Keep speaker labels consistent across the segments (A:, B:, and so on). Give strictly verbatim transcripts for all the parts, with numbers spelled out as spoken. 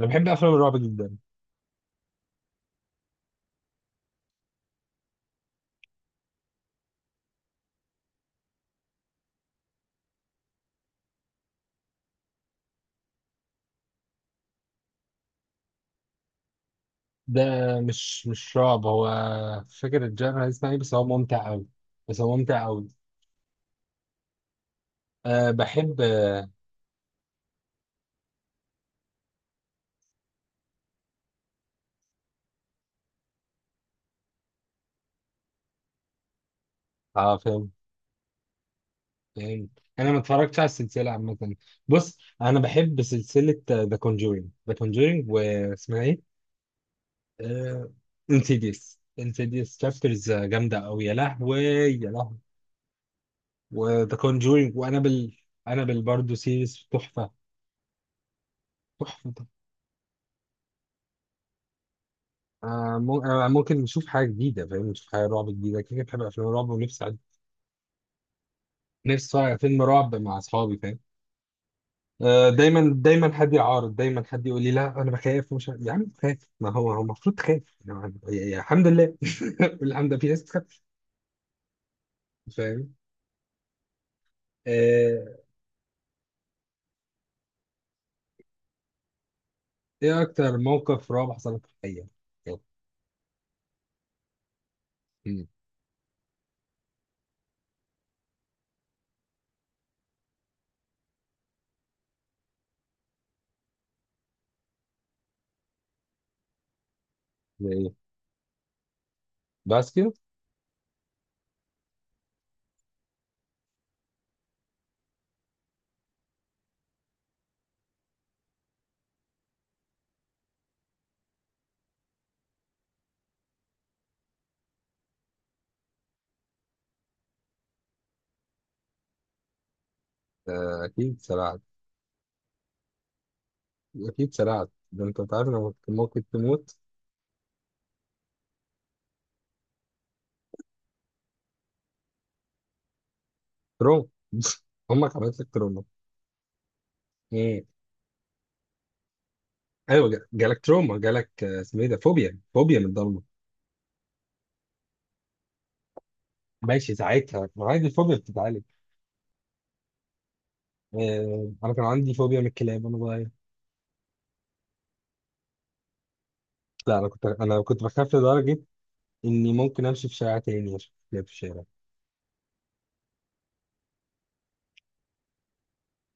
A: انا بحب افلام الرعب جدا. ده مش مش رعب هو. مش فاكر الجانر اسمها ايه بس هو ممتع قوي. بس هو ممتع قوي. أه بحب اه. آه، فيلم فيلم. انا ما اتفرجتش على السلسله عامه. بص انا بحب سلسله ذا كونجورينج، ذا كونجورينج واسمها ايه، انسيديوس، انسيديوس تشابترز جامده قوي، يا لهوي يا لهوي. وذا كونجورينج وانابل. انابل برضه سيريز تحفه. تحفه. آه مم- آه، ممكن نشوف حاجة جديدة، فاهم، نشوف حاجة رعب جديدة، كده كده بحب أفلام الرعب، ونفسي أعد- نفسي أتفرج على فيلم رعب مع أصحابي، فاهم. آه دايما دايما حد يعارض، دايما حد يقول لي لا أنا بخاف مش عارف. يا عم خاف، ما هو هو المفروض تخاف يعني، يا- يا- الحمد لله الحمد لله في ناس تخاف. فاهم. آه، إيه أكتر موقف رعب حصل لك في الحقيقة؟ يلا. مم. زي إيه؟ بس كده. آه أكيد سرعت. أكيد سرعت ده، أنت عارف لما ممكن تموت. تروما أمك عملت لك تروما. ايوه، جا- جالك تروما، جالك آه، اسمه ايه ده، فوبيا، فوبيا من الضلمه. ماشي ساعتها، عادي الفوبيا بتتعالج. آه، انا كان عندي فوبيا من الكلاب وانا صغير. لا انا كنت، انا كنت بخاف لدرجه اني ممكن امشي في شارع تاني عشان كلاب في الشارع.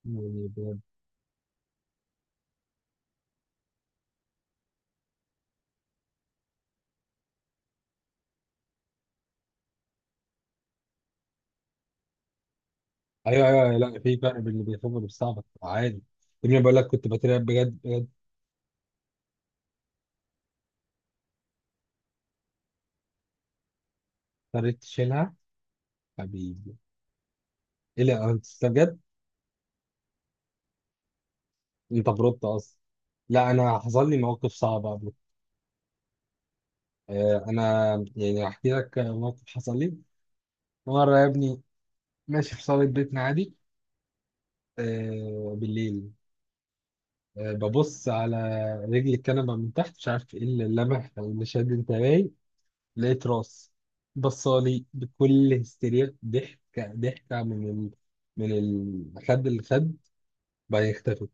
A: يعني بجد. ايوه ايوه أيوة، لا في فرق بين اللي بيخاف واللي بيستعبط، عادي. ابني بقول لك كنت بترعب بجد بجد. اضطريت تشيلها، حبيبي. ايه، لا انت، أنت بجد. انت بربط اصلا. لا انا حصل لي مواقف صعبه قبل. آه، انا يعني احكي لك موقف حصل لي مرة يا ابني. ماشي في صالة بيتنا عادي، آه بالليل. آه ببص على رجل الكنبة من تحت، مش عارف ايه اللي لمح او اللي شد انتباهي. لقيت راس بصالي بكل هستيريا، ضحكة ضحكة من ال... من الخد اللي خد. بعدين اختفت.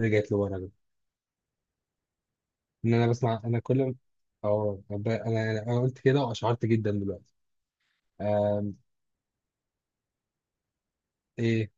A: رجعت لورا بقى. ان انا بسمع، انا كل ما- اه طب انا انا قلت كده واشعرت جدا دلوقتي. آم. ايه.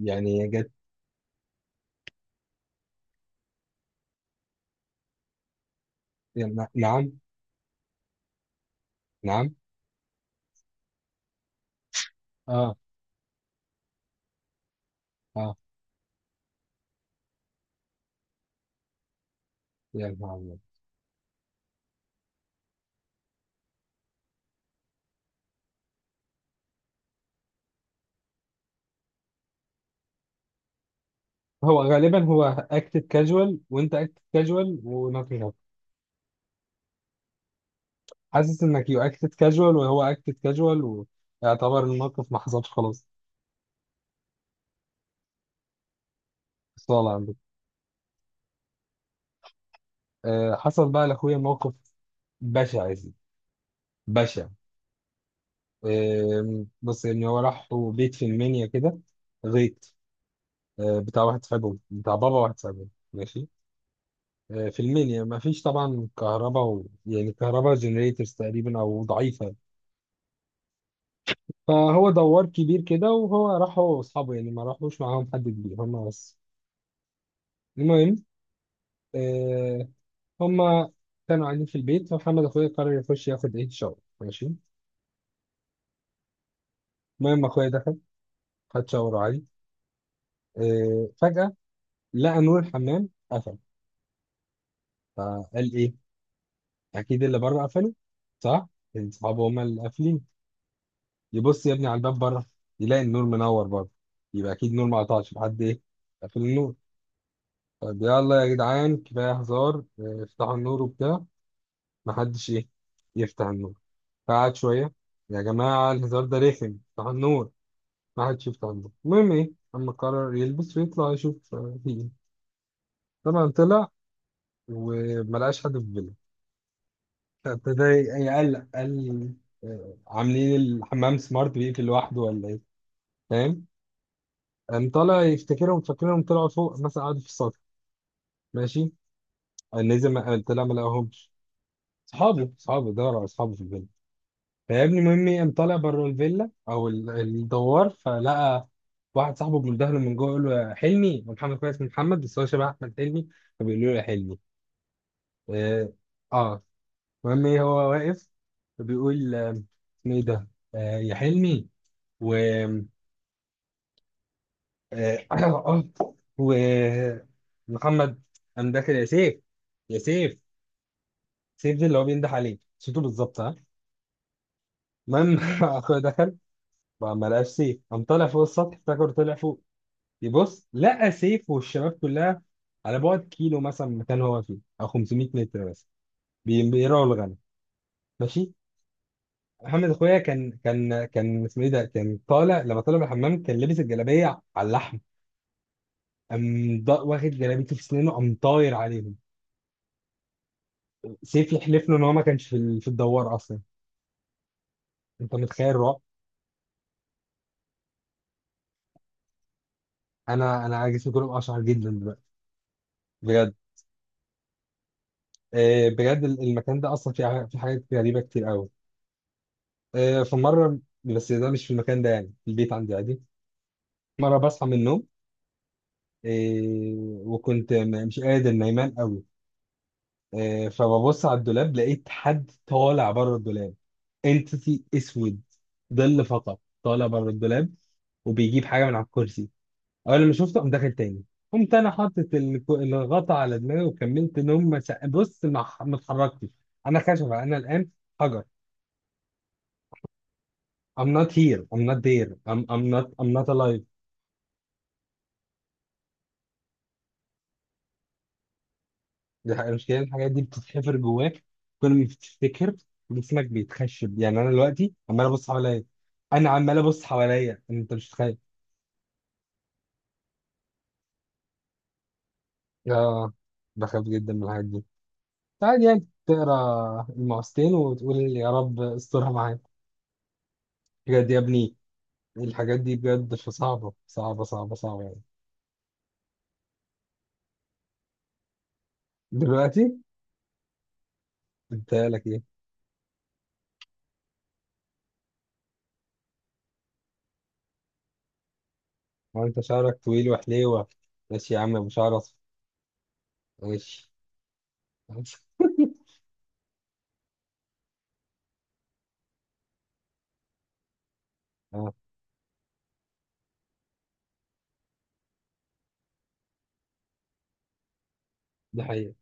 A: يعني جت. يعني نعم. نعم. اه. اه يعني نعم. هو غالبا هو اكتد كاجوال، وانت اكتد كاجوال ونوتنجهام. حاسس انك يو اكتد كاجوال وهو اكتد كاجوال. ويعتبر الموقف ما حصلش، خلاص. صالة عندك. أه حصل بقى لاخويا موقف بشع يا سيدي، بشع. أه بص، يعني هو راح بيت في المنيا كده، غيط. أه بتاع واحد صاحبهم، بتاع بابا واحد صاحبهم، ماشي. أه في المنيا ما فيش طبعا كهرباء و... يعني كهرباء جنريتورز تقريبا او ضعيفة. فهو دوار كبير كده، وهو راح هو واصحابه، يعني ما راحوش معاهم حد كبير، هما بس. المهم، آه، هما كانوا قاعدين في البيت، فمحمد اخويا قرر يخش ياخد ايه شاور، ماشي. المهم اخويا دخل، خد شاور عادي. آه فجأة لقى نور الحمام قفل. فقال ايه، اكيد اللي بره قفله، صح، إن صحابه هما اللي قافلين. يبص يا ابني على الباب بره، يلاقي النور منور بره، يبقى اكيد النور ما قطعش، في حد ايه قفل النور. طب يلا يا جدعان، كفايه هزار، آه، افتحوا النور وبتاع. محدش ايه يفتح النور. قعد شوية. يا جماعة الهزار ده رخم، افتح النور. محدش يفتح النور. المهم ايه، أما قرر يلبس ويطلع يشوف آه، في ايه. طبعا طلع وملقاش حد في الفيلا. فابتدى يقلق، قال آه، عاملين الحمام سمارت بيقفل لوحده ولا ايه، فاهم. قام طالع يفتكرهم، فاكرهم طلعوا فوق مثلا، قعدوا في السطح، ماشي. قام نزل، ما- طلع ما لقاهمش. صحابه صحابه دور على اصحابه في الفيلا. فيا ابني، مهم قام طالع بره الفيلا او ال- الدوار، فلقى واحد صاحبه بيندهله من جوه، يقول له يا حلمي. ومحمد كويس من محمد، بس هو شبه احمد حلمي، فبيقول له يا حلمي. اه آه. المهم ايه، هو واقف، فبيقول آه، اسمه ايه ده، آه يا حلمي، و، آه و، محمد قام داخل، يا سيف، يا سيف. سيف ده اللي هو بينده عليه صوته بالظبط، ها. المهم اخويا دخل، ما ما لقاش سيف. قام طالع فوق السطح، افتكر طلع فوق. يبص لقى سيف والشباب كلها على بعد كيلو مثلا من المكان هو فيه، او خمسمية متر مثلا، بي- بيرعوا الغنم، ماشي. محمد اخويا كان، كان كان اسمه ايه ده، كان طالع لما طالع من الحمام كان لابس الجلابيه على اللحم، قام ضا- واخد جلابيته في سنينه قام طاير عليهم. سيف يحلف له ان هو ما كانش في ال- في الدوار اصلا. انت متخيل الرعب؟ انا انا جسمي كله اشعر جدا دلوقتي، بجد. آه، بجد ال- المكان ده اصلا فيه ع- في حاجات غريبه كتير قوي. آه، في مره، بس ده مش في المكان ده يعني، في البيت عندي عادي. مرة بصحى من النوم، إيه، وكنت م- مش قادر نايمان قوي. إيه فببص على الدولاب، لقيت حد طالع بره الدولاب، انتيتي اسود، ظل فقط طالع بره الدولاب وبيجيب حاجة من على الكرسي. أول ما شفته قام داخل تاني. قمت أنا حاطط الك- الغطا على دماغي وكملت نوم. ما سق- بص، ما ح- ما اتحركتش. أنا خشبة أنا الآن، حجر. I'm not here, I'm not there, I'm, I'm not I'm not alive. دي حقيقة، المشكلة إن الحاجات دي بتتحفر جواك. كل ما بتفتكر جسمك بيتخشب، يعني أنا دلوقتي عمال أبص حواليا. أنا عمال أبص حواليا، أنت مش متخيل. آه بخاف جدا من الحاجات دي. عادي يعني تقرا المقصتين وتقول يا رب استرها معايا. بجد يا ابني، الحاجات دي بجد صعبة صعبة صعبة صعبة يعني. دلوقتي. أنت لك إيه؟ هو أنت شعرك طويل وحليوة. ماشي يا عم أبو شعر أصفر. ماشي آه، دي حقيقة.